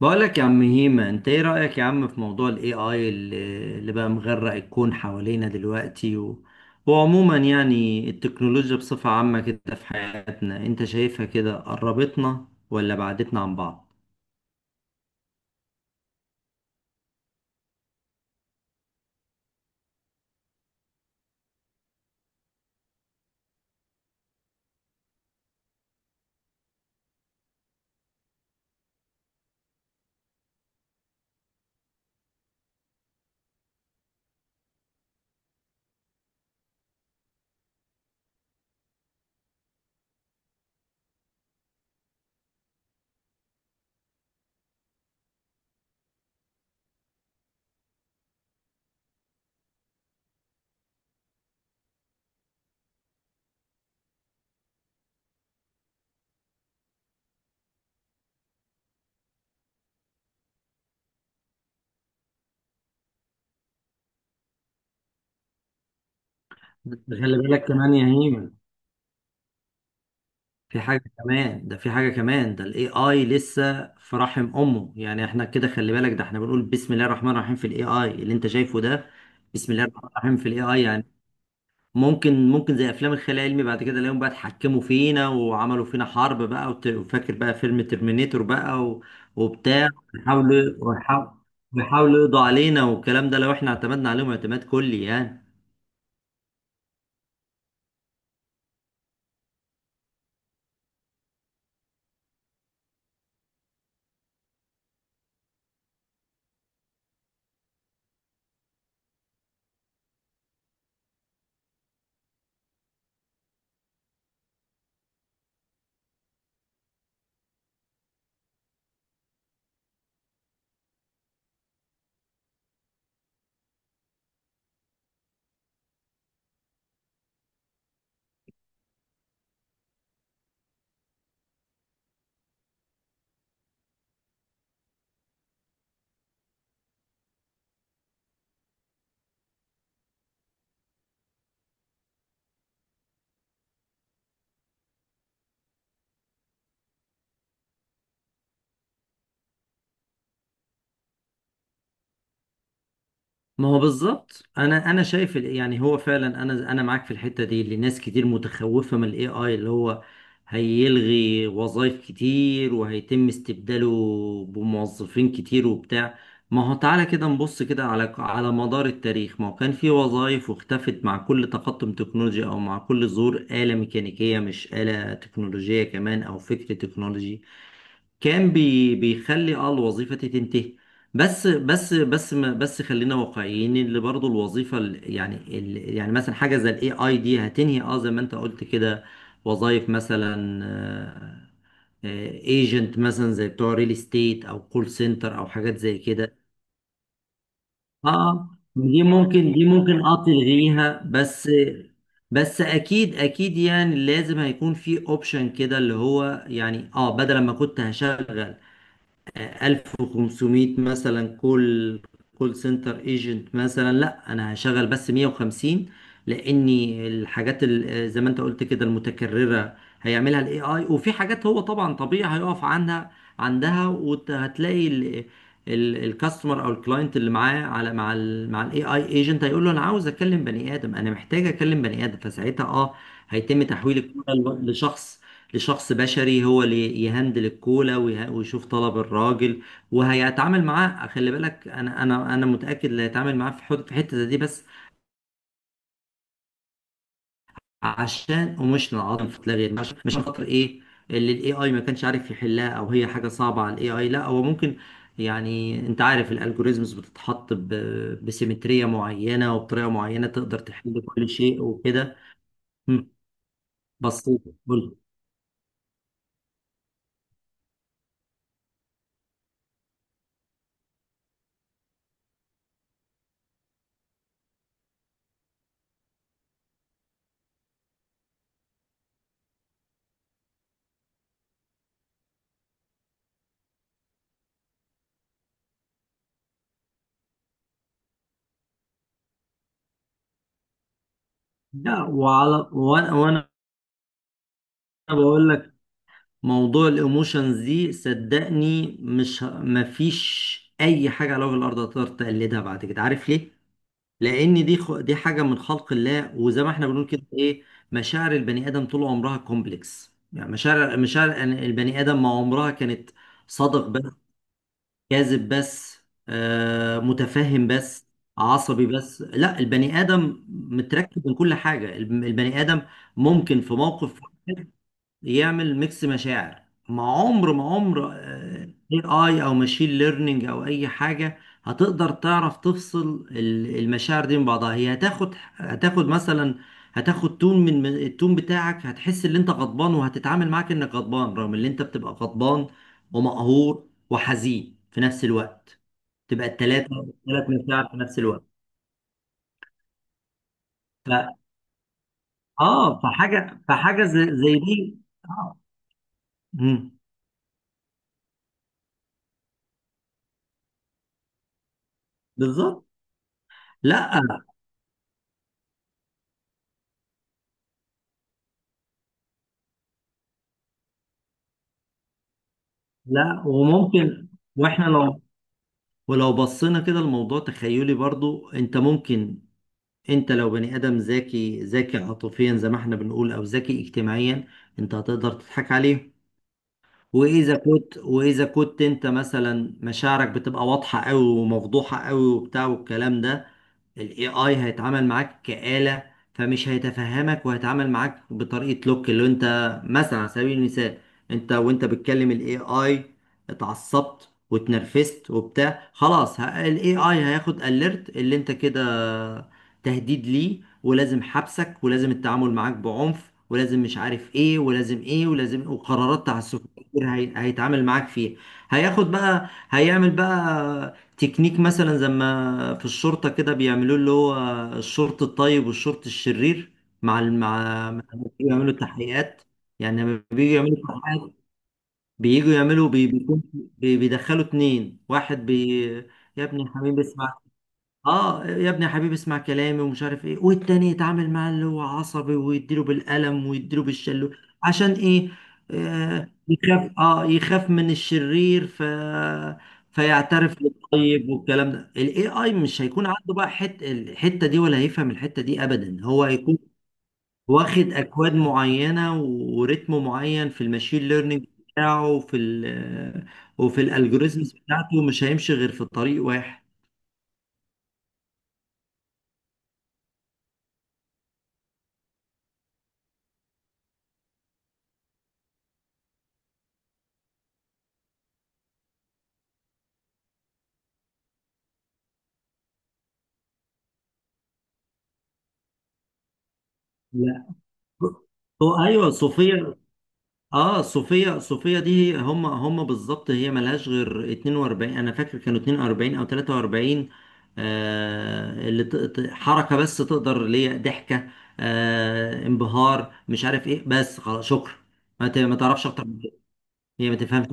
بقولك يا عم هيما، انت ايه رأيك يا عم في موضوع الاي اي اللي بقى مغرق الكون حوالينا دلوقتي وعموما يعني التكنولوجيا بصفة عامة كده في حياتنا، انت شايفها كده قربتنا ولا بعدتنا عن بعض؟ بس خلي بالك كمان يا هيمن، في حاجة كمان ده الاي اي لسه في رحم امه. يعني احنا كده خلي بالك، ده احنا بنقول بسم الله الرحمن الرحيم في الاي اي اللي انت شايفه ده، بسم الله الرحمن الرحيم في الاي اي. يعني ممكن زي افلام الخيال العلمي بعد كده الاقيهم بقى اتحكموا فينا وعملوا فينا حرب بقى، وفاكر بقى فيلم ترمينيتور بقى وبتاع، ويحاولوا ويحاولوا، ويحاولوا يقضوا علينا والكلام ده، لو احنا اعتمدنا عليهم اعتماد كلي يعني. ما هو بالظبط، انا شايف يعني هو فعلا انا معاك في الحته دي، اللي ناس كتير متخوفه من الاي اي، اللي هو هيلغي وظائف كتير وهيتم استبداله بموظفين كتير وبتاع. ما هو تعالى كده نبص كده على مدار التاريخ، ما هو كان في وظائف واختفت مع كل تقدم تكنولوجي، او مع كل ظهور آلة ميكانيكيه، مش آلة تكنولوجيه كمان، او فكر تكنولوجي كان بيخلي الوظيفة تنتهي. بس بس بس ما بس خلينا واقعيين، اللي برضو الوظيفة يعني يعني مثلا حاجة زي الاي اي دي هتنهي، زي ما انت قلت كده، وظائف مثلا، ايجنت مثلا زي بتوع ريل استيت، او كول سنتر، او حاجات زي كده. اه دي ممكن تلغيها، بس بس اكيد اكيد يعني لازم هيكون في اوبشن كده، اللي هو يعني، بدل ما كنت هشغل 1500 مثلا كول سنتر ايجنت مثلا، لا انا هشغل بس 150، لاني الحاجات زي ما انت قلت كده المتكررة هيعملها الاي اي. وفي حاجات هو طبعا طبيعي هيقف عندها، وهتلاقي الكاستمر او الكلاينت اللي معاه على مع الاي اي ايجنت هيقول له انا عاوز اكلم بني ادم، انا محتاج اكلم بني ادم. فساعتها هيتم تحويل الكوره لشخص بشري، هو اللي يهندل الكولا ويشوف طلب الراجل وهيتعامل معاه. خلي بالك، انا متاكد اللي هيتعامل معاه في في الحته دي بس عشان ايموشنال عدم فتلاغي، مش عشان خاطر ايه؟ اللي الاي اي ما كانش عارف يحلها، او هي حاجه صعبه على الاي اي. لا، هو ممكن، يعني انت عارف الالجوريزمز بتتحط بسيمتريه معينه وبطريقه معينه، تقدر تحل كل شيء وكده. مم. بسيط. قول. لا، وانا بقول لك، موضوع الايموشنز دي صدقني، مش ه- مفيش اي حاجه على وجه الارض هتقدر تقلدها بعد كده. عارف ليه؟ لان دي حاجه من خلق الله، وزي ما احنا بنقول كده ايه، مشاعر البني ادم طول عمرها كومبلكس. يعني مشاعر البني ادم ما عمرها كانت صادق بس، كاذب بس، متفهم بس، عصبي بس. لا، البني ادم متركب من كل حاجه. البني ادم ممكن في موقف يعمل ميكس مشاعر. ما عمر اي اي او ماشين ليرنينج او اي حاجه هتقدر تعرف تفصل المشاعر دي من بعضها. هي هتاخد مثلا، هتاخد تون من التون بتاعك، هتحس ان انت غضبان وهتتعامل معاك انك غضبان، رغم ان انت بتبقى غضبان ومقهور وحزين في نفس الوقت. تبقى التلاتة، مشاعر في نفس الوقت. ف... اه فحاجه زي دي. اه. مم. بالظبط. لا. لا، وممكن، واحنا لو، ولو بصينا كده الموضوع تخيلي برضو. انت لو بني ادم ذكي ذكي عاطفيا زي ما احنا بنقول، او ذكي اجتماعيا، انت هتقدر تضحك عليه. واذا كنت انت مثلا مشاعرك بتبقى واضحه قوي ومفضوحه قوي وبتاع والكلام ده، الاي اي هيتعامل معاك كآلة، فمش هيتفهمك، وهيتعامل معاك بطريقة لوك اللي انت مثلا. على سبيل المثال، انت وانت بتكلم الاي اي، اتعصبت واتنرفزت وبتاع، خلاص الاي اي هياخد اليرت اللي انت كده تهديد ليه، ولازم حبسك، ولازم التعامل معاك بعنف، ولازم مش عارف ايه، ولازم ايه، ولازم وقرارات تعسفيه كتير هيتعامل معاك فيه. هياخد بقى هيعمل بقى تكنيك، مثلا زي ما في الشرطة كده بيعملوه، اللي هو الشرط الطيب والشرط الشرير. مع ال... مع مع- بيعملوا تحقيقات. يعني لما بييجوا يعملوا تحقيقات، بيدخلوا اتنين، يا ابني الحميد اسمع، اه يا ابني يا حبيبي اسمع كلامي ومش عارف ايه. والتاني يتعامل معاه اللي هو عصبي، ويديله بالقلم ويديله بالشلو. عشان ايه؟ يخاف، يخاف من الشرير، فيعترف للطيب والكلام ده. الاي اي مش هيكون عنده بقى الحته دي، ولا هيفهم الحته دي ابدا. هو هيكون واخد اكواد معينه وريتم معين في الماشين ليرنينج بتاعه، وفي الالجوريزمز بتاعته مش هيمشي غير في طريق واحد. لا. هو ايوه، صوفيا. صوفيا دي، هم بالظبط، هي ملهاش غير 42، انا فاكر كانوا 42 او 43، اللي حركه بس تقدر، اللي هي ضحكه، انبهار، مش عارف ايه، بس خلاص شكرا. ما تعرفش اكتر من كده، هي ما تفهمش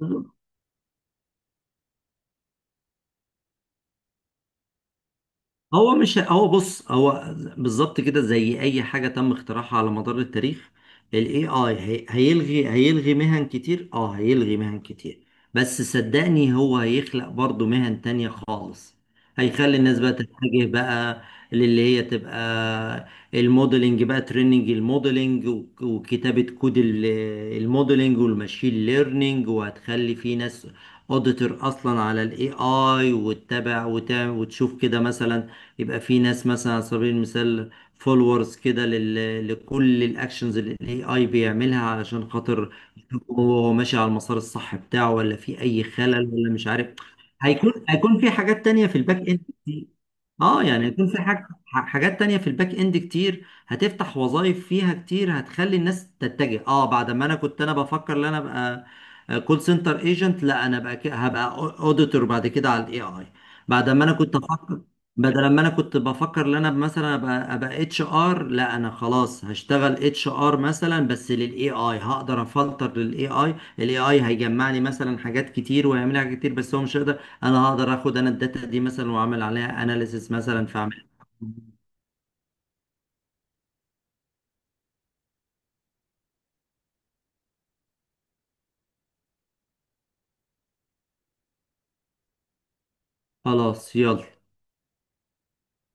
أكتر. هو مش هو بص هو بالظبط كده، زي اي حاجه تم اختراعها على مدار التاريخ، الاي اي هيلغي مهن كتير، هيلغي مهن كتير، بس صدقني هو هيخلق برضو مهن تانية خالص. هيخلي الناس بقى تتجه بقى للي هي تبقى الموديلنج، بقى تريننج الموديلنج وكتابة كود الموديلنج والماشين ليرنينج. وهتخلي في ناس اوديتور اصلا على الاي اي، وتتابع وتعمل وتشوف كده مثلا، يبقى في ناس مثلا على سبيل المثال فولورز كده لكل الاكشنز اللي الاي اي بيعملها علشان خاطر يشوف هو ماشي على المسار الصح بتاعه، ولا في اي خلل، ولا مش عارف. هيكون في حاجات تانية في الباك اند. اه يعني يكون في حاجات تانية في الباك اند كتير، هتفتح وظائف فيها كتير، هتخلي الناس تتجه. اه بعد ما انا كنت بفكر ان انا ابقى كول سنتر ايجنت، لا انا بقى هبقى اوديتور بعد كده على الاي اي. بعد ما انا كنت افكر بدل ما انا كنت بفكر ان انا مثلا ابقى اتش ار، لا انا خلاص هشتغل اتش ار مثلا. بس للاي اي هقدر افلتر، للاي اي الاي اي هيجمعني مثلا حاجات كتير ويعمل لي حاجات كتير، بس هو مش هيقدر. انا هقدر اخد انا الداتا دي مثلا واعمل عليها اناليسيس مثلا فاعمل. خلاص يلا.